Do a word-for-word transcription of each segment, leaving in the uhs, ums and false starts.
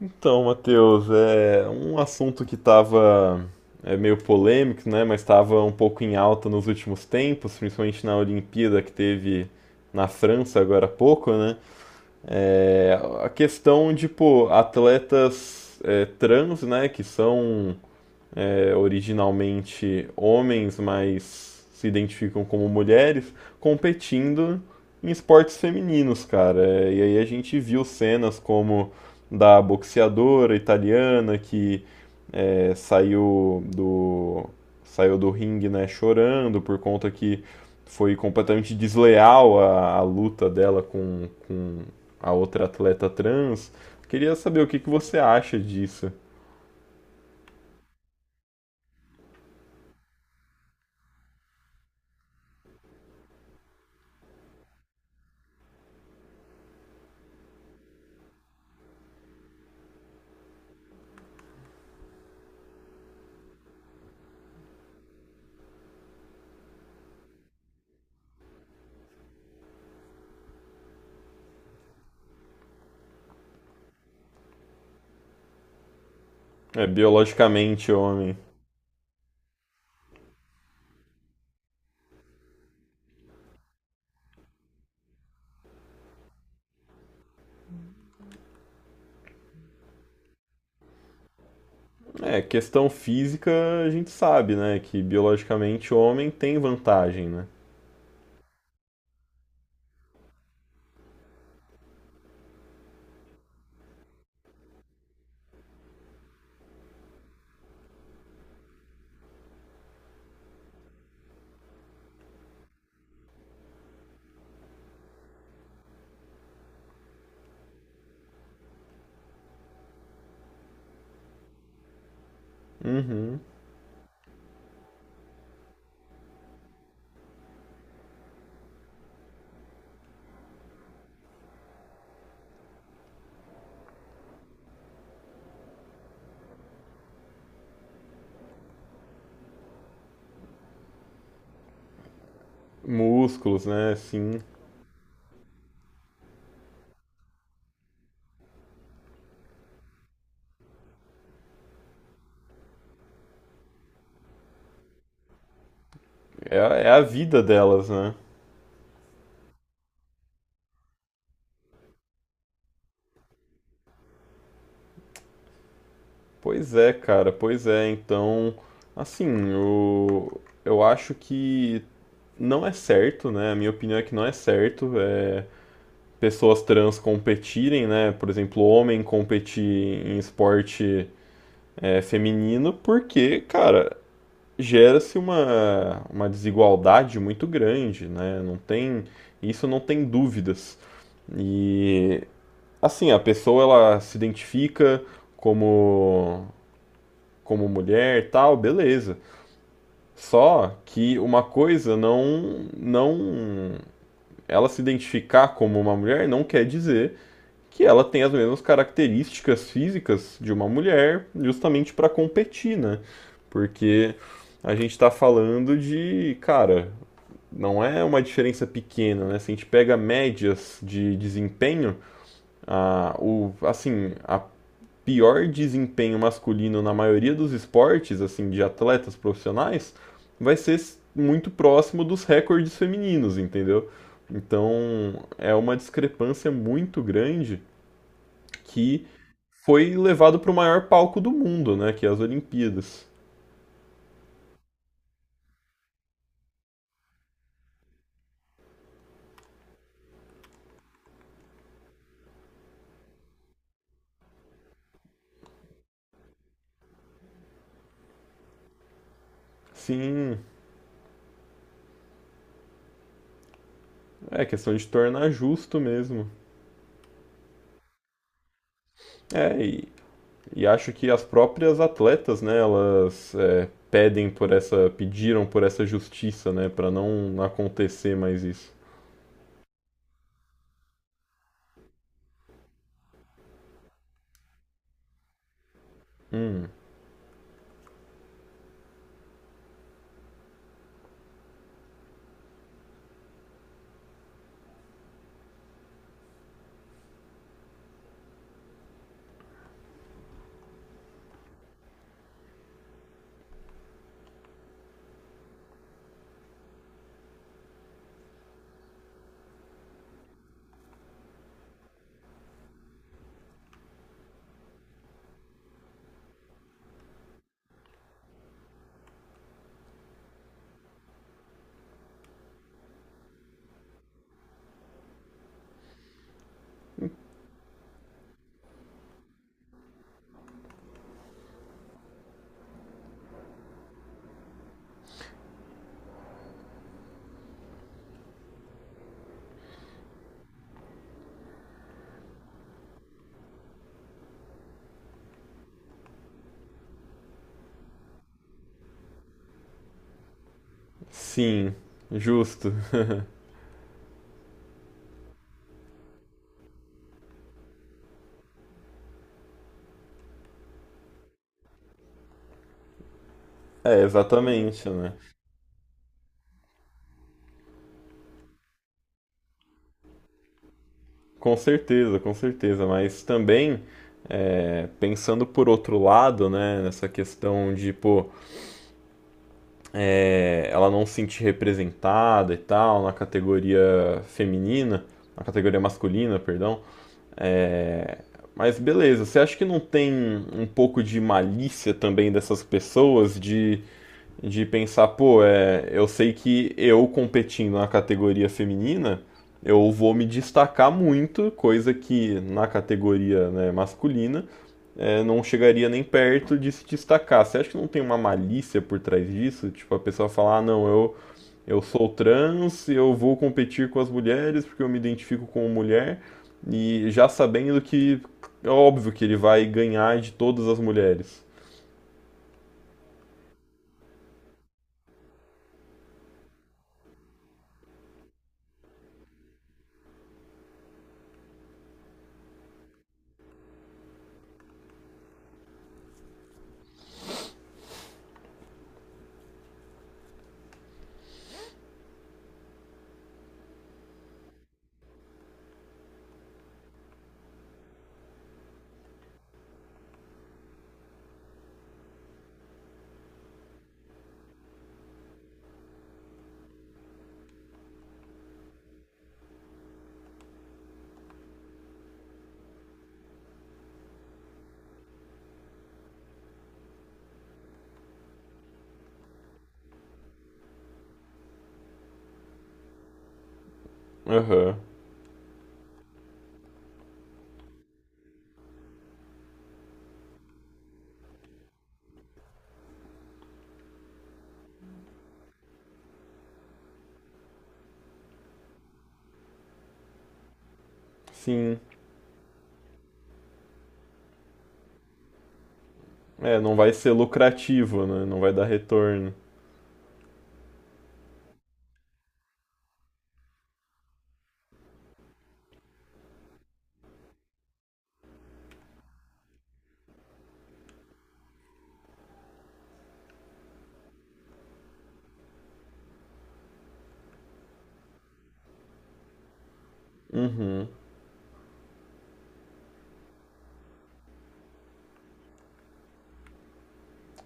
Então, Matheus, é um assunto que estava é, meio polêmico, né? Mas estava um pouco em alta nos últimos tempos, principalmente na Olimpíada que teve na França agora há pouco, né? É, a questão de, pô, atletas é, trans, né? Que são é, originalmente homens, mas se identificam como mulheres, competindo em esportes femininos, cara. É, e aí a gente viu cenas como da boxeadora italiana que é, saiu do saiu do ringue, né, chorando por conta que foi completamente desleal a, a luta dela com, com a outra atleta trans. Queria saber o que, que você acha disso. É biologicamente homem. É, questão física a gente sabe, né? Que biologicamente o homem tem vantagem, né? Uhum. Músculos, né? Sim. É, a- é a vida delas, né? Pois é, cara, pois é. Então, assim, eu, eu acho que não é certo, né? A minha opinião é que não é certo é, pessoas trans competirem, né? Por exemplo, homem competir em esporte é, feminino, porque, cara, gera-se uma, uma desigualdade muito grande, né? Não tem, isso não tem dúvidas. E assim, a pessoa ela se identifica como como mulher, e tal, beleza. Só que uma coisa não não ela se identificar como uma mulher não quer dizer que ela tem as mesmas características físicas de uma mulher, justamente para competir, né? Porque a gente está falando de, cara, não é uma diferença pequena, né? Se a gente pega médias de desempenho, a, o, assim, a pior desempenho masculino na maioria dos esportes, assim, de atletas profissionais, vai ser muito próximo dos recordes femininos, entendeu? Então é uma discrepância muito grande que foi levado para o maior palco do mundo, né? Que é as Olimpíadas. Sim, é questão de tornar justo mesmo. É, e, E acho que as próprias atletas, né, elas é, pedem por essa, pediram por essa justiça, né, para não acontecer mais isso. Sim, justo. É, exatamente, né? Com certeza, com certeza, mas também é, pensando por outro lado, né, nessa questão de, pô, é, ela não se sentir representada e tal na categoria feminina, na categoria masculina, perdão, é, mas beleza, você acha que não tem um pouco de malícia também dessas pessoas de de pensar, pô, é, eu sei que eu competindo na categoria feminina, eu vou me destacar muito, coisa que na categoria, né, masculina é, não chegaria nem perto de se destacar. Você acha que não tem uma malícia por trás disso? Tipo, a pessoa falar, ah, não, eu, eu sou trans, eu vou competir com as mulheres porque eu me identifico como mulher, e já sabendo que é óbvio que ele vai ganhar de todas as mulheres. Aham, sim. É, não vai ser lucrativo, né? Não vai dar retorno. Uhum.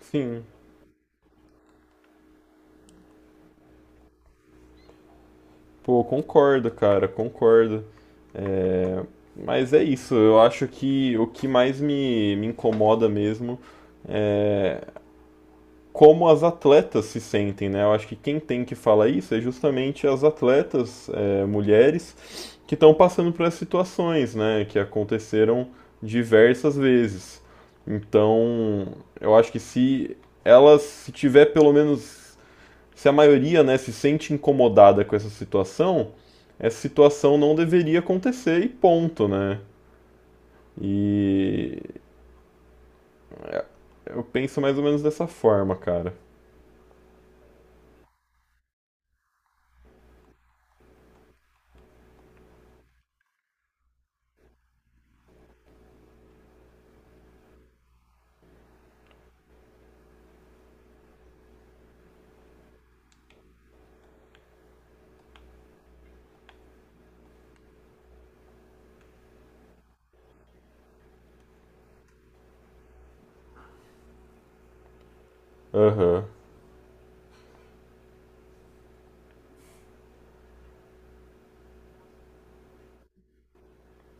Sim. Pô, concordo, cara, concordo. É, mas é isso, eu acho que o que mais me, me incomoda mesmo, como as atletas se sentem, né? Eu acho que quem tem que falar isso é justamente as atletas, é, mulheres, que estão passando por essas situações, né? Que aconteceram diversas vezes. Então, eu acho que se elas, se tiver pelo menos se a maioria né, se sente incomodada com essa situação, essa situação não deveria acontecer e ponto, né? E eu penso mais ou menos dessa forma, cara. Aham.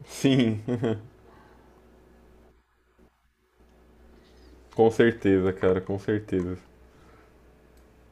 Sim, com certeza, cara, com certeza.